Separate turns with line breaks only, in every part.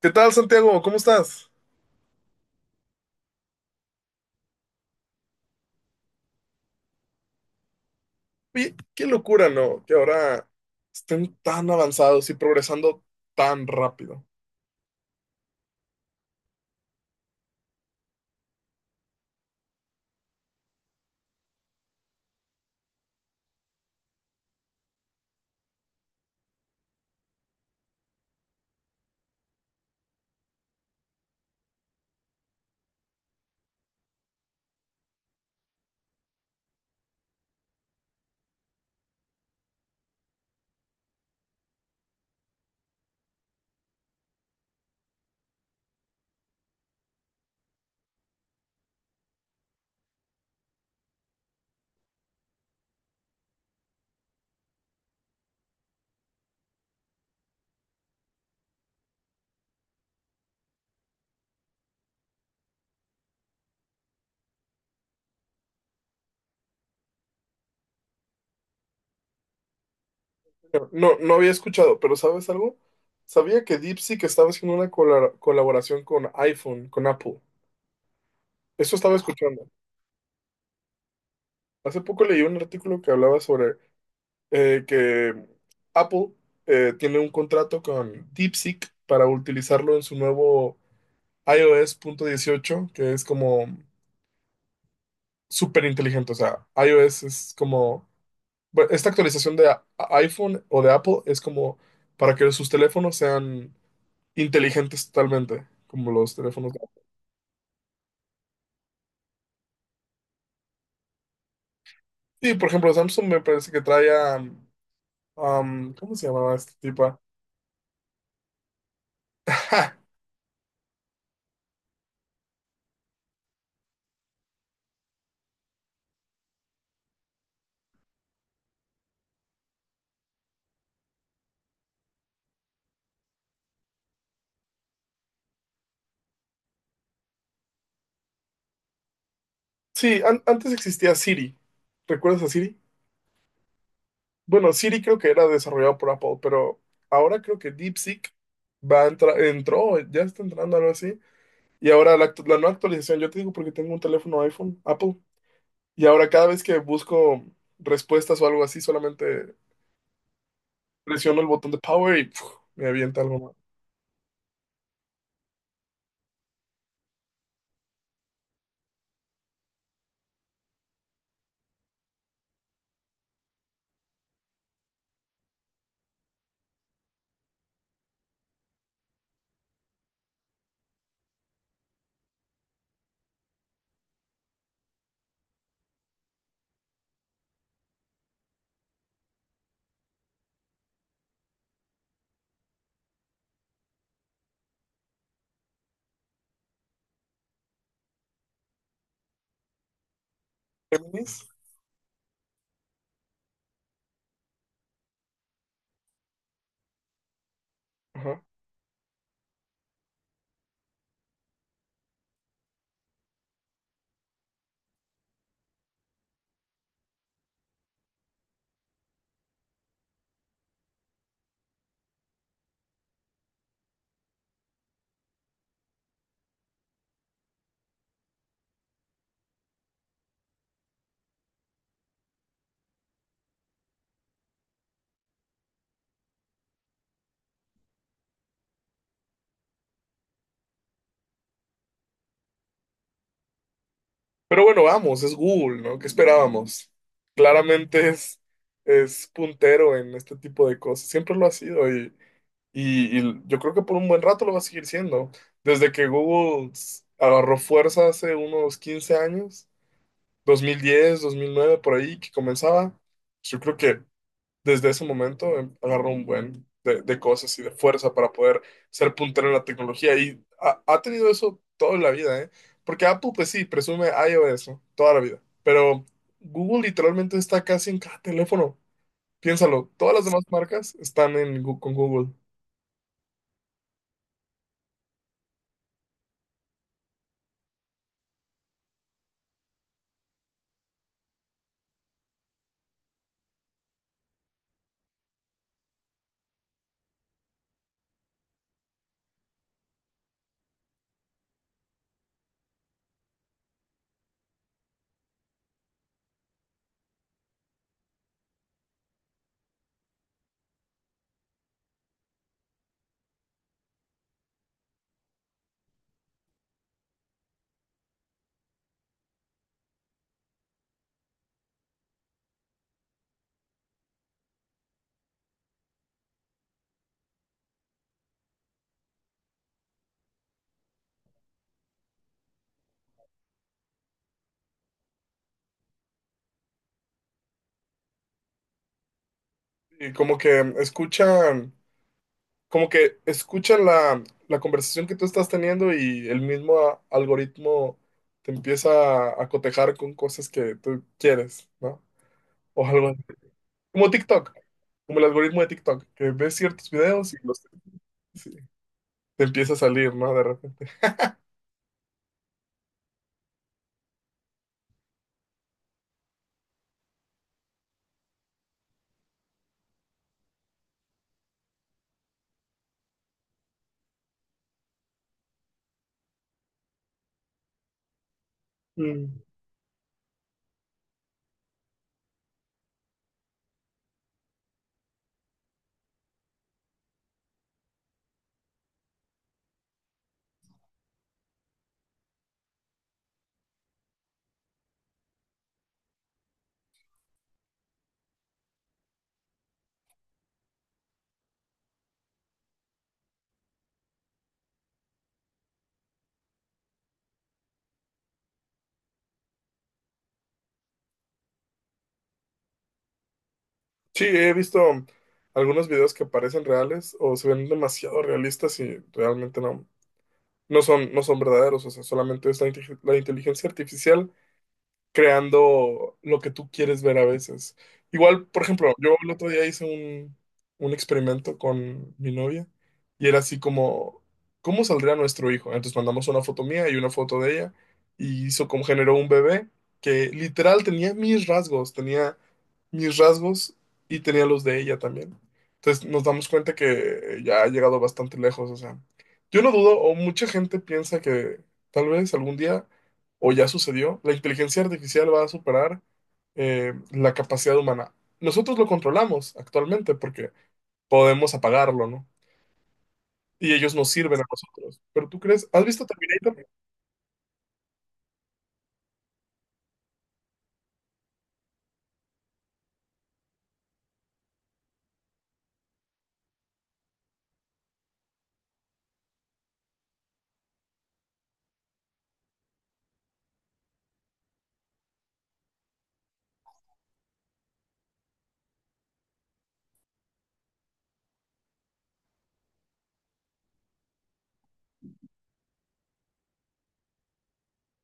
¿Qué tal, Santiago? ¿Cómo estás? Oye, qué locura, ¿no? Que ahora estén tan avanzados y progresando tan rápido. No, no había escuchado, pero ¿sabes algo? Sabía que DeepSeek estaba haciendo una colaboración con iPhone, con Apple. Eso estaba escuchando. Hace poco leí un artículo que hablaba sobre que Apple tiene un contrato con DeepSeek para utilizarlo en su nuevo iOS punto 18, que es como súper inteligente. O sea, iOS es como. Bueno, esta actualización de iPhone o de Apple es como para que sus teléfonos sean inteligentes totalmente, como los teléfonos de Apple. Sí, por ejemplo, Samsung me parece que traía, ¿cómo se llamaba esta tipa? Sí, antes existía Siri. ¿Recuerdas a Siri? Bueno, Siri creo que era desarrollado por Apple, pero ahora creo que DeepSeek va a entrar, entró, ya está entrando algo así. Y ahora la nueva actualización, yo te digo porque tengo un teléfono iPhone, Apple. Y ahora cada vez que busco respuestas o algo así, solamente presiono el botón de power y puf, me avienta algo más. Géminis. Ajá. Pero bueno, vamos, es Google, ¿no? ¿Qué esperábamos? Claramente es puntero en este tipo de cosas. Siempre lo ha sido y, y yo creo que por un buen rato lo va a seguir siendo. Desde que Google agarró fuerza hace unos 15 años, 2010, 2009 por ahí, que comenzaba, yo creo que desde ese momento agarró un buen de cosas y de fuerza para poder ser puntero en la tecnología y ha, ha tenido eso toda la vida, ¿eh? Porque Apple, pues sí, presume iOS, ¿no? Toda la vida, pero Google literalmente está casi en cada teléfono. Piénsalo, todas las demás marcas están en, con Google. Y como que escuchan, como que escuchan la, la conversación que tú estás teniendo y el mismo algoritmo te empieza a cotejar con cosas que tú quieres, ¿no? O algo. Como TikTok, como el algoritmo de TikTok, que ves ciertos videos y los, sí, te empieza a salir, ¿no? De repente. Mm. Sí, he visto algunos videos que parecen reales o se ven demasiado realistas y realmente no, no son, no son verdaderos. O sea, solamente es la inteligencia artificial creando lo que tú quieres ver a veces. Igual, por ejemplo, yo el otro día hice un experimento con mi novia y era así como, ¿cómo saldría nuestro hijo? Entonces mandamos una foto mía y una foto de ella y hizo, como generó un bebé que literal tenía mis rasgos y tenía los de ella también. Entonces nos damos cuenta que ya ha llegado bastante lejos, o sea, yo no dudo, o mucha gente piensa que tal vez algún día o ya sucedió, la inteligencia artificial va a superar la capacidad humana. Nosotros lo controlamos actualmente porque podemos apagarlo, ¿no? Y ellos nos sirven a nosotros. Pero tú crees, ¿has visto Terminator?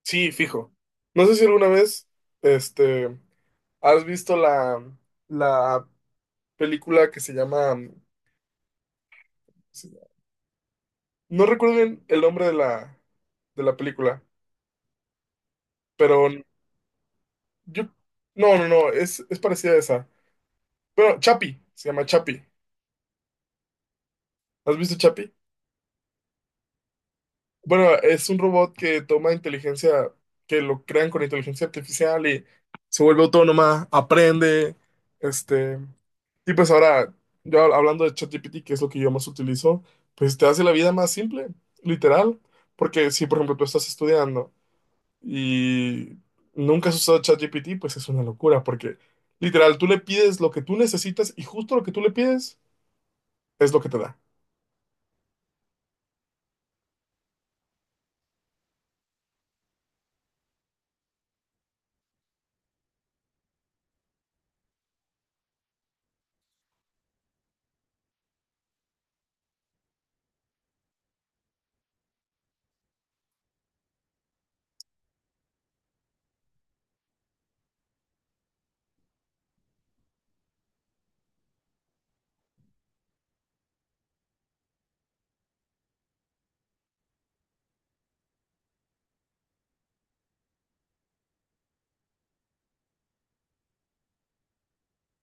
Sí, fijo. No sé si alguna vez, este, has visto la, la película que se llama, no recuerdo bien el nombre de la película, pero yo, no, no, no, es parecida a esa. Bueno, Chapi, se llama Chapi. ¿Has visto Chapi? Bueno, es un robot que toma inteligencia, que lo crean con inteligencia artificial y se vuelve autónoma, aprende, este, y pues ahora, yo hablando de ChatGPT, que es lo que yo más utilizo, pues te hace la vida más simple, literal, porque si, por ejemplo, tú estás estudiando y nunca has usado ChatGPT, pues es una locura, porque literal, tú le pides lo que tú necesitas y justo lo que tú le pides es lo que te da.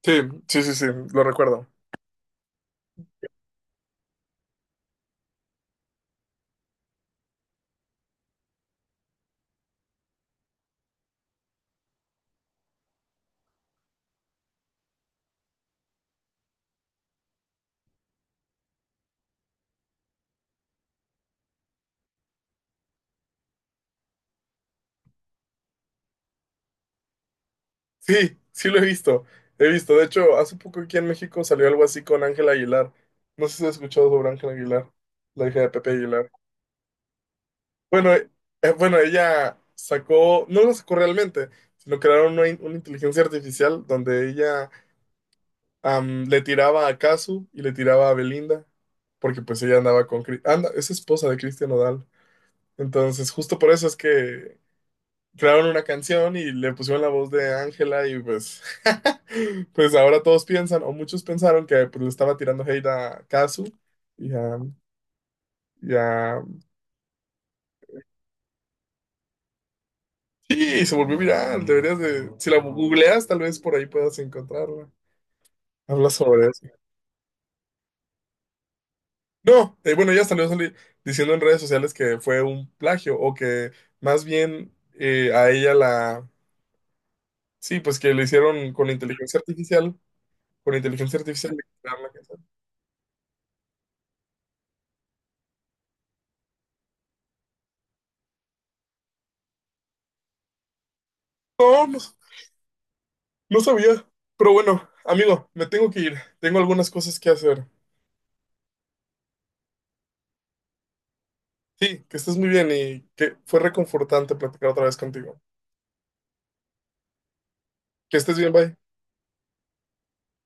Sí, sí, sí, sí, lo recuerdo. Sí, sí lo he visto. He visto. De hecho, hace poco aquí en México salió algo así con Ángela Aguilar. No sé si has escuchado sobre Ángela Aguilar, la hija de Pepe Aguilar. Bueno, bueno, ella sacó, no lo sacó realmente, sino crearon una, una inteligencia artificial donde ella, le tiraba a Casu y le tiraba a Belinda, porque pues ella andaba con... Anda, es esposa de Cristian Nodal. Entonces, justo por eso es que crearon una canción y le pusieron la voz de Ángela y pues, pues ahora todos piensan, o muchos pensaron que pues, le estaba tirando hate a Kazu y a, y a- Sí, se volvió viral, deberías de... Si la googleas, tal vez por ahí puedas encontrarla. Habla sobre eso. No, bueno, ya salió diciendo en redes sociales que fue un plagio o que más bien a ella la... Sí, pues que lo hicieron con inteligencia artificial, con inteligencia artificial. Le crearon la canción. No, no. No sabía, pero bueno, amigo, me tengo que ir. Tengo algunas cosas que hacer. Sí, que estés muy bien y que fue reconfortante platicar otra vez contigo. Que estés bien, bye.